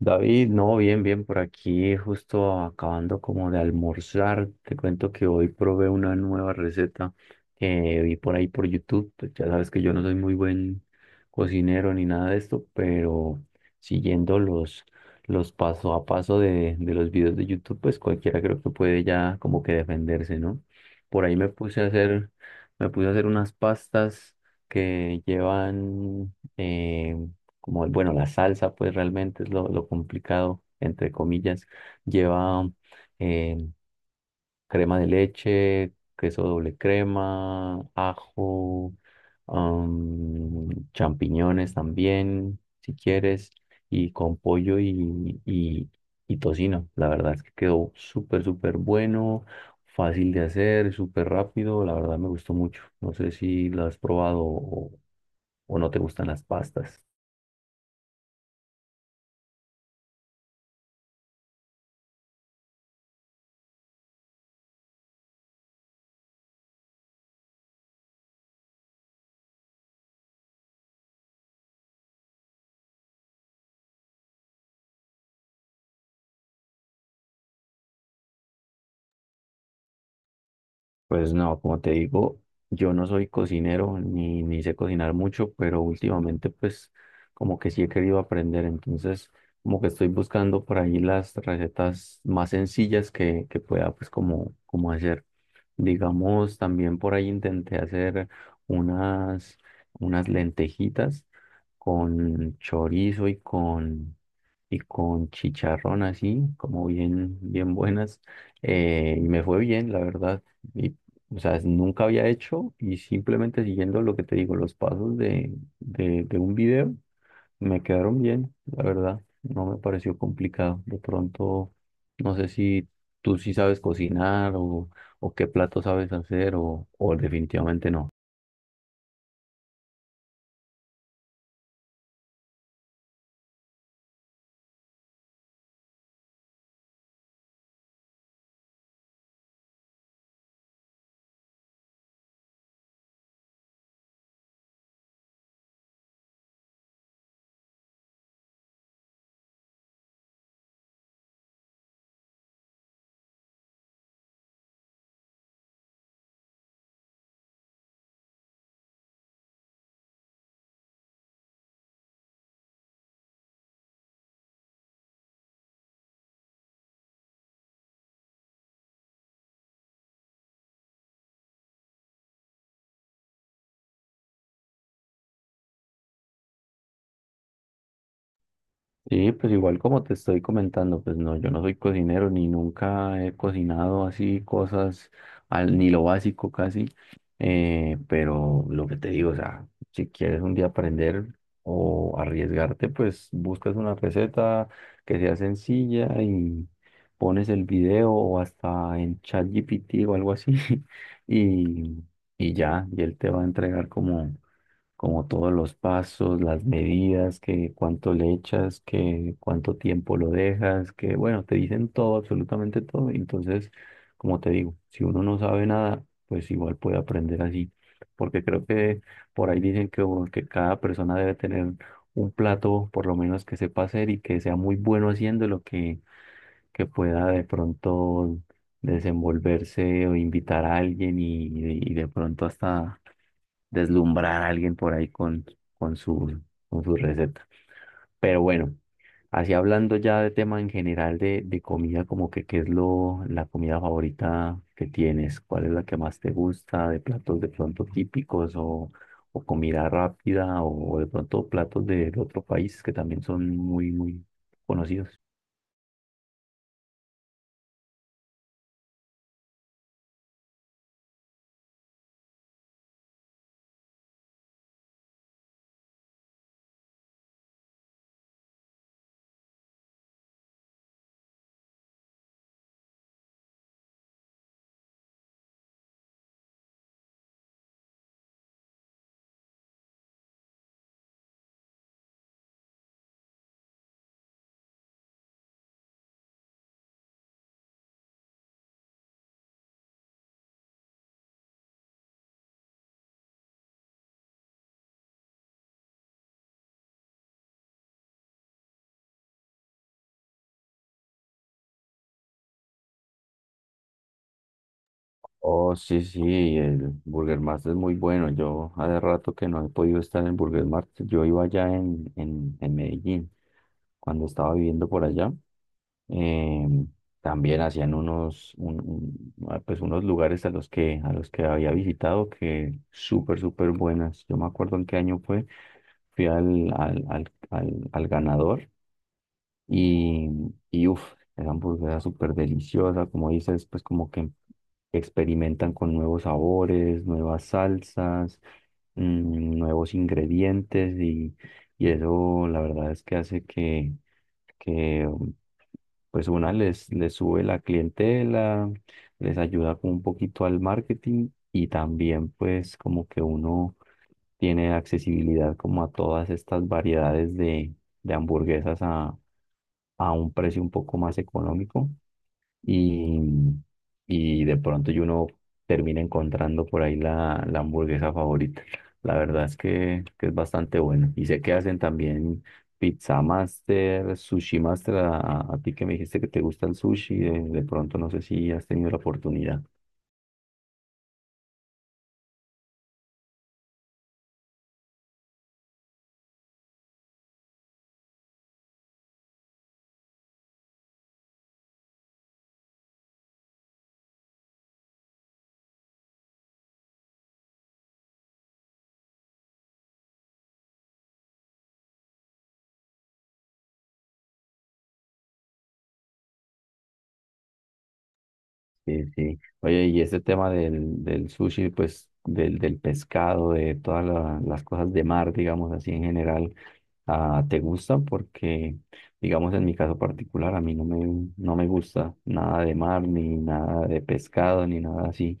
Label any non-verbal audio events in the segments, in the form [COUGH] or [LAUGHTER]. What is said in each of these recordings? David, no, bien, bien, por aquí justo acabando como de almorzar, te cuento que hoy probé una nueva receta que vi por ahí por YouTube, pues ya sabes que yo no soy muy buen cocinero ni nada de esto, pero siguiendo los paso a paso de los videos de YouTube, pues cualquiera creo que puede ya como que defenderse, ¿no? Por ahí me puse a hacer, me puse a hacer unas pastas que llevan como el, bueno, la salsa, pues realmente es lo complicado, entre comillas. Lleva eh, crema de leche, queso doble crema, ajo, champiñones también, si quieres, y con pollo y tocino. La verdad es que quedó súper, súper bueno, fácil de hacer, súper rápido. La verdad me gustó mucho. No sé si lo has probado o no te gustan las pastas. Pues no, como te digo, yo no soy cocinero ni sé cocinar mucho, pero últimamente pues como que sí he querido aprender, entonces como que estoy buscando por ahí las recetas más sencillas que pueda pues como, como hacer. Digamos, también por ahí intenté hacer unas, unas lentejitas con chorizo y con chicharrón así, como bien, bien buenas, y me fue bien, la verdad. Y o sea, nunca había hecho y simplemente siguiendo lo que te digo, los pasos de un video me quedaron bien, la verdad. No me pareció complicado. De pronto, no sé si tú sí sabes cocinar o qué plato sabes hacer o definitivamente no. Sí, pues igual como te estoy comentando, pues no, yo no soy cocinero ni nunca he cocinado así cosas, al, ni lo básico casi, pero lo que te digo, o sea, si quieres un día aprender o arriesgarte, pues buscas una receta que sea sencilla y pones el video o hasta en ChatGPT o algo así [LAUGHS] y, y ya, y él te va a entregar como como todos los pasos, las medidas, que cuánto le echas, que cuánto tiempo lo dejas, que bueno, te dicen todo, absolutamente todo. Entonces, como te digo, si uno no sabe nada, pues igual puede aprender así, porque creo que por ahí dicen que cada persona debe tener un plato, por lo menos que sepa hacer y que sea muy bueno haciéndolo, que pueda de pronto desenvolverse o invitar a alguien y de pronto hasta deslumbrar a alguien por ahí con su, con su receta. Pero bueno, así hablando ya de tema en general de comida, como que qué es la comida favorita que tienes, cuál es la que más te gusta, de platos de pronto típicos o comida rápida o, de pronto platos de otro país que también son muy, muy conocidos. Oh, sí, sí, el Burger Mart es muy bueno. Yo hace rato que no he podido estar en Burger Mart. Yo iba allá en Medellín, cuando estaba viviendo por allá. eh, También hacían unos, un- ah, pues unos lugares a los que había visitado que súper, súper buenas. Yo me acuerdo en qué año fue. Fui al ganador y, y uff, esa hamburguesa súper deliciosa. Como dices, pues como que experimentan con nuevos sabores, nuevas salsas, nuevos ingredientes y eso la verdad es que hace que pues una les, les sube la clientela, les ayuda como un poquito al marketing y también pues como que uno tiene accesibilidad como a todas estas variedades de hamburguesas a un precio un poco más económico y, y de pronto uno termina encontrando por ahí la hamburguesa favorita. La verdad es que es bastante bueno. Y sé que hacen también Pizza Master, Sushi Master, a ti que me dijiste que te gusta el sushi, de pronto no sé si has tenido la oportunidad. Sí, sí. Oye, y ese tema del sushi, pues del pescado, de todas las cosas de mar, digamos así en general, ah, ¿te gusta? Porque, digamos, en mi caso particular, a mí no me gusta nada de mar, ni nada de pescado, ni nada así.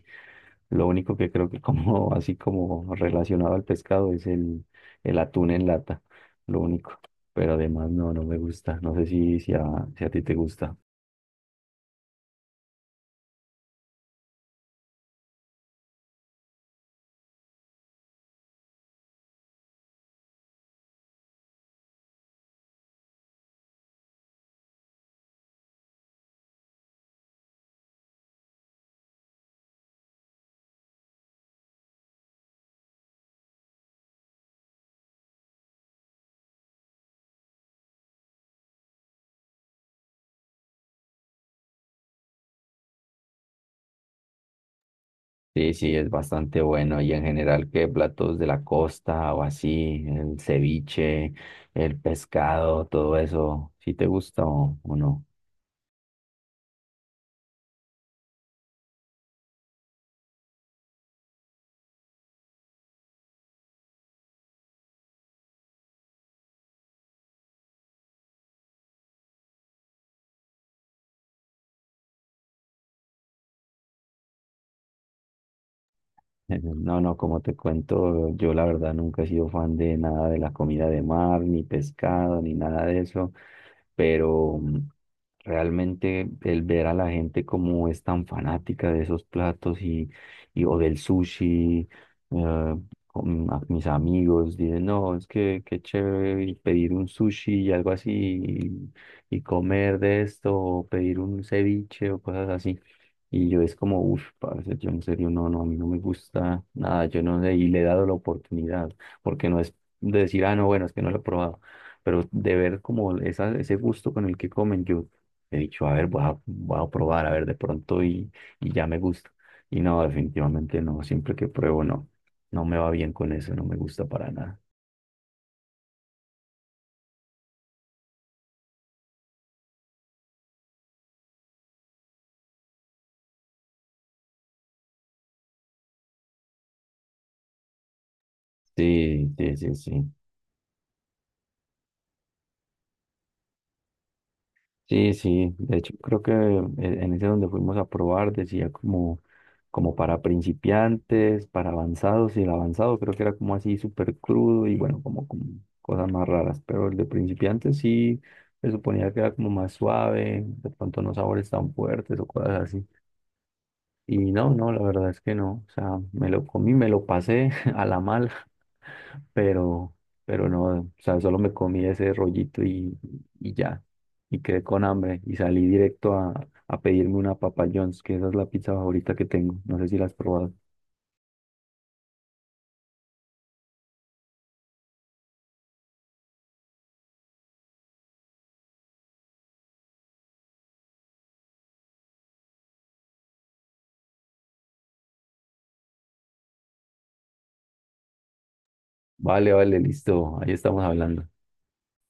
Lo único que creo que como, [LAUGHS] así como relacionado al pescado es el atún en lata, lo único. Pero además no, no me gusta. No sé si a ti te gusta. Sí, sí, es bastante bueno. Y en general, ¿qué platos de la costa o así? El ceviche, el pescado, todo eso. ¿Sí te gusta o no? [LAUGHS] No, no, como te cuento, yo la verdad nunca he sido fan de nada de la comida de mar, ni pescado, ni nada de eso, pero realmente el ver a la gente como es tan fanática de esos platos y o del sushi, eh, a mis amigos dicen, no, es que qué chévere y pedir un sushi y algo así y comer de esto, o pedir un ceviche o cosas así. Y yo es como, uff, parce, yo en serio, no, no, a mí no me gusta nada, yo no sé, y le he dado la oportunidad, porque no es de decir, ah, no, bueno, es que no lo he probado, pero de ver como esa, ese gusto con el que comen, yo he dicho, a ver, voy a probar, a ver, de pronto y ya me gusta. Y no, definitivamente no, siempre que pruebo, no, no me va bien con eso, no me gusta para nada. Sí, sí, sí, sí. Sí, sí, de hecho creo que en ese donde fuimos a probar decía como, como para principiantes, para avanzados y el avanzado creo que era como así súper crudo y bueno, como, como cosas más raras, pero el de principiantes sí se suponía que era como más suave, de pronto no sabores tan fuertes o cosas así. Y no, no, la verdad es que no, o sea, me lo comí, me lo pasé [LAUGHS] a la mala pero, pero no, o sea, solo me comí ese rollito y ya, y quedé con hambre y salí directo a pedirme una Papa John's, que esa es la pizza favorita que tengo, no sé si la has probado. Vale, vale, listo, ahí estamos hablando.